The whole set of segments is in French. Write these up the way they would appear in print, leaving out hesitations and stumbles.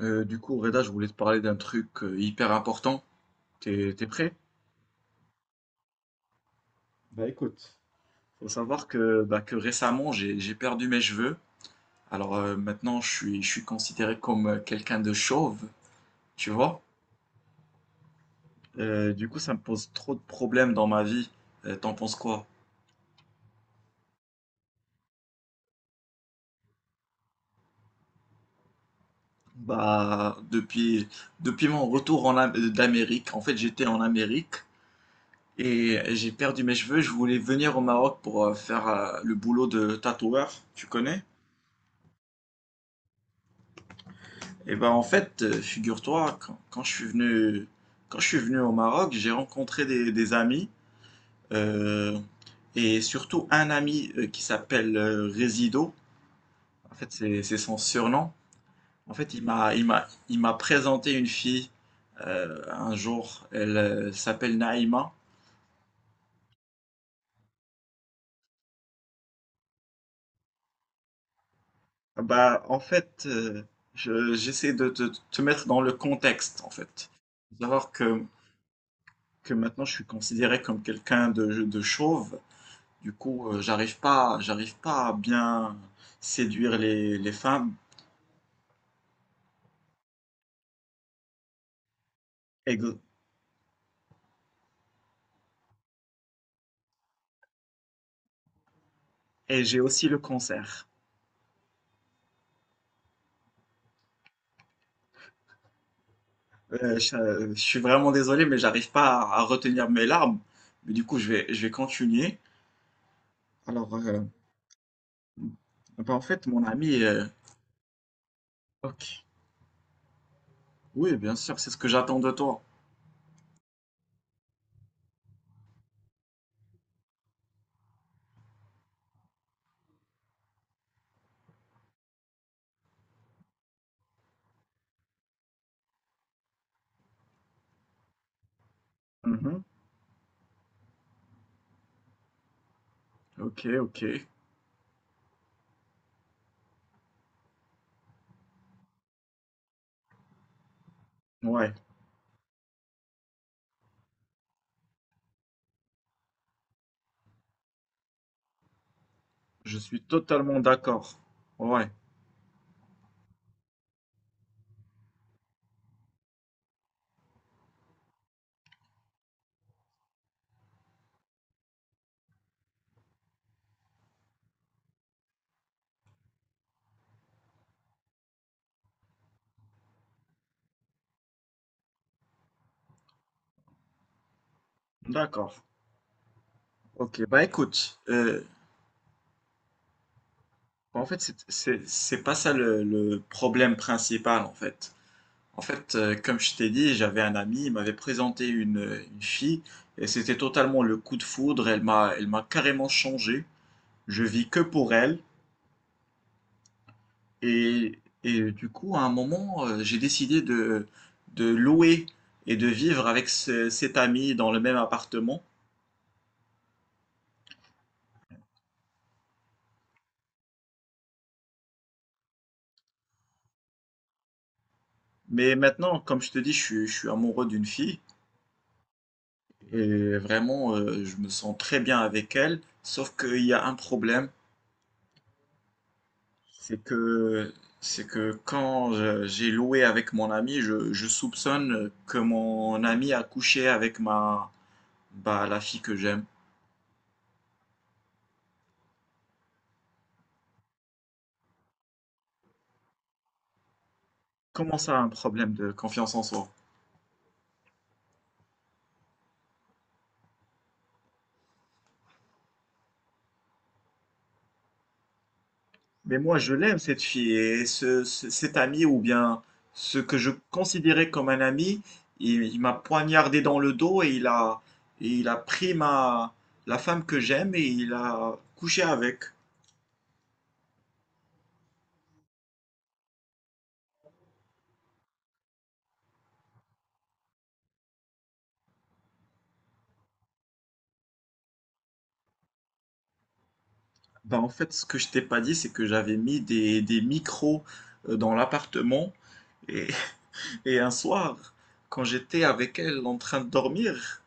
Reda, je voulais te parler d'un truc hyper important. T'es prêt? Faut savoir que, bah, que récemment, j'ai perdu mes cheveux. Alors maintenant, je suis considéré comme quelqu'un de chauve, tu vois? Ça me pose trop de problèmes dans ma vie. T'en penses quoi? Bah, depuis mon retour d'Amérique, en fait, j'étais en Amérique et j'ai perdu mes cheveux. Je voulais venir au Maroc pour faire le boulot de tatoueur, tu connais? Eh ben en fait, figure-toi, quand je suis venu, quand je suis venu au Maroc, j'ai rencontré des amis, euh, et surtout un ami qui s'appelle Résido. En fait, c'est son surnom. En fait, il m'a présenté une fille un jour. Elle, s'appelle Naïma. Ah bah, en fait, j'essaie de te mettre dans le contexte, en fait. Faut savoir que maintenant, je suis considéré comme quelqu'un de chauve. J'arrive pas à bien séduire les femmes et, et j'ai aussi le cancer. Je suis vraiment désolé, mais j'arrive pas à retenir mes larmes. Mais du coup, je vais continuer. Alors, bah, en fait, mon ami, ok, oui, bien sûr, c'est ce que j'attends de toi. Mhm. Ok, ok. Ouais, je suis totalement d'accord. Ouais, d'accord. Ok, bah écoute, en fait, c'est pas ça le problème principal, en fait. En fait, comme je t'ai dit, j'avais un ami, il m'avait présenté une fille, et c'était totalement le coup de foudre, elle m'a carrément changé. Je vis que pour elle, et, et du coup, à un moment, j'ai décidé de louer et de vivre avec cet ami dans le même appartement. Mais maintenant, comme je te dis, je suis amoureux d'une fille, et vraiment, je me sens très bien avec elle, sauf qu'il y a un problème. C'est que c'est que j'ai loué avec mon ami, je soupçonne que mon ami a couché avec ma bah, la fille que j'aime. Comment ça, un problème de confiance en soi? Mais moi, je l'aime cette fille et cet ami ou bien ce que je considérais comme un ami, il m'a poignardé dans le dos et il a pris ma la femme que j'aime et il a couché avec. Bah, en fait, ce que je t'ai pas dit, c'est que j'avais mis des micros dans l'appartement. Et, et un soir, quand j'étais avec elle en train de dormir,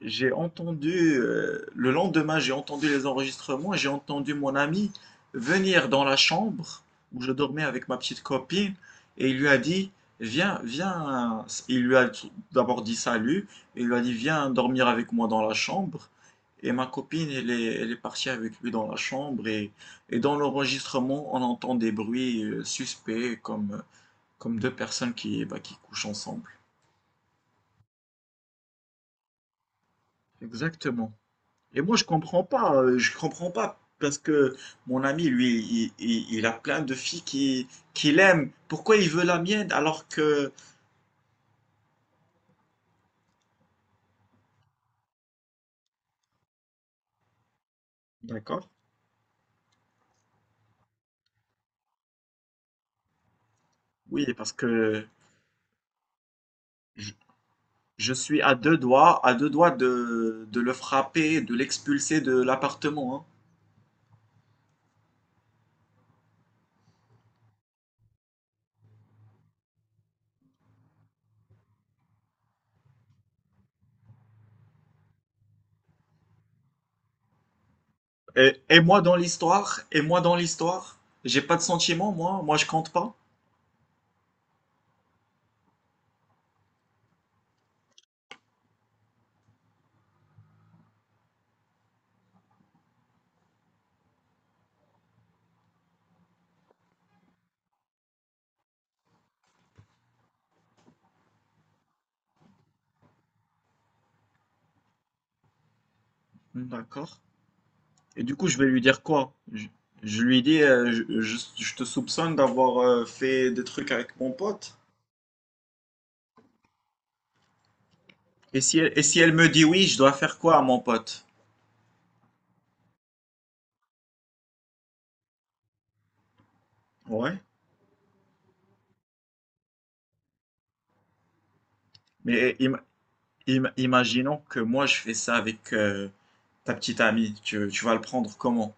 le lendemain, j'ai entendu les enregistrements et j'ai entendu mon ami venir dans la chambre où je dormais avec ma petite copine et il lui a dit, viens, viens, il lui a d'abord dit salut et il lui a dit, viens dormir avec moi dans la chambre. Et ma copine, elle est partie avec lui dans la chambre et dans l'enregistrement, on entend des bruits suspects comme, comme deux personnes qui, bah, qui couchent ensemble. Exactement. Et moi, je comprends pas, parce que mon ami, lui, il a plein de filles qui, qu'il aime. Pourquoi il veut la mienne alors que... D'accord. Oui, parce que je suis à deux doigts de le frapper, de l'expulser de l'appartement, hein. Et moi dans l'histoire, et moi dans l'histoire, j'ai pas de sentiment, moi, moi je compte pas. D'accord. Et du coup, je vais lui dire quoi? Je lui dis, je te soupçonne d'avoir fait des trucs avec mon pote. Et si elle me dit oui, je dois faire quoi, mon pote? Ouais. Mais imaginons que moi je fais ça avec ta petite amie. Tu vas le prendre comment?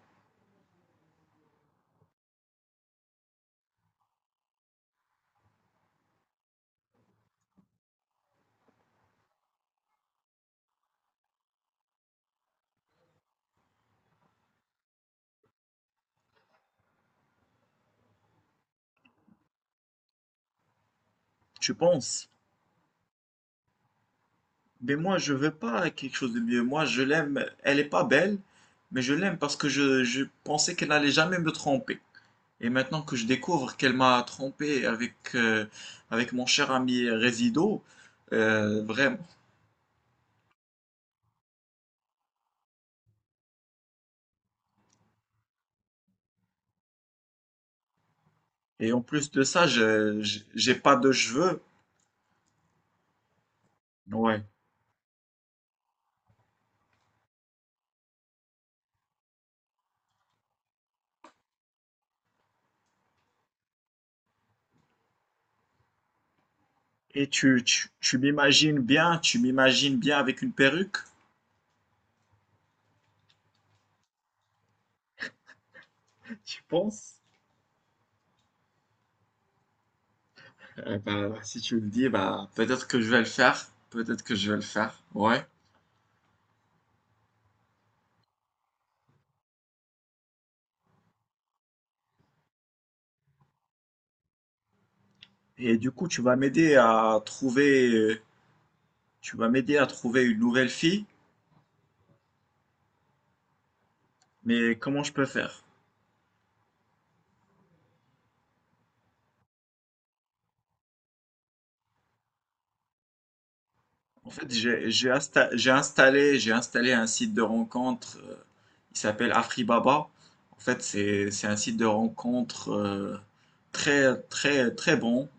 Tu penses? Mais moi je veux pas quelque chose de mieux. Moi je l'aime. Elle est pas belle, mais je l'aime parce que je pensais qu'elle allait jamais me tromper. Et maintenant que je découvre qu'elle m'a trompé avec avec mon cher ami Résido, vraiment. Et en plus de ça, j'ai pas de cheveux. Ouais. Et tu m'imagines bien avec une perruque, tu penses? Eh ben, si tu me dis, bah, peut-être que je vais le faire. Peut-être que je vais le faire. Ouais. Et du coup, tu vas m'aider à trouver une nouvelle fille. Mais comment je peux faire? En fait, j'ai installé un site de rencontre. Il s'appelle Afribaba. En fait, c'est un site de rencontre très, très, très bon.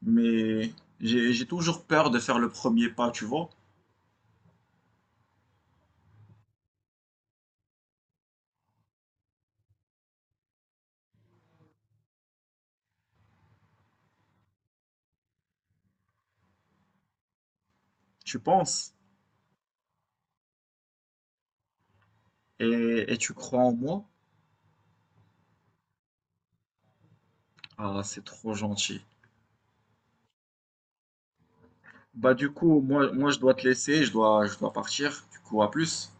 Mais j'ai toujours peur de faire le premier pas, tu vois. Tu penses, et tu crois en moi. Ah, c'est trop gentil. Bah du coup, moi je dois te laisser, je dois partir. Du coup, à plus.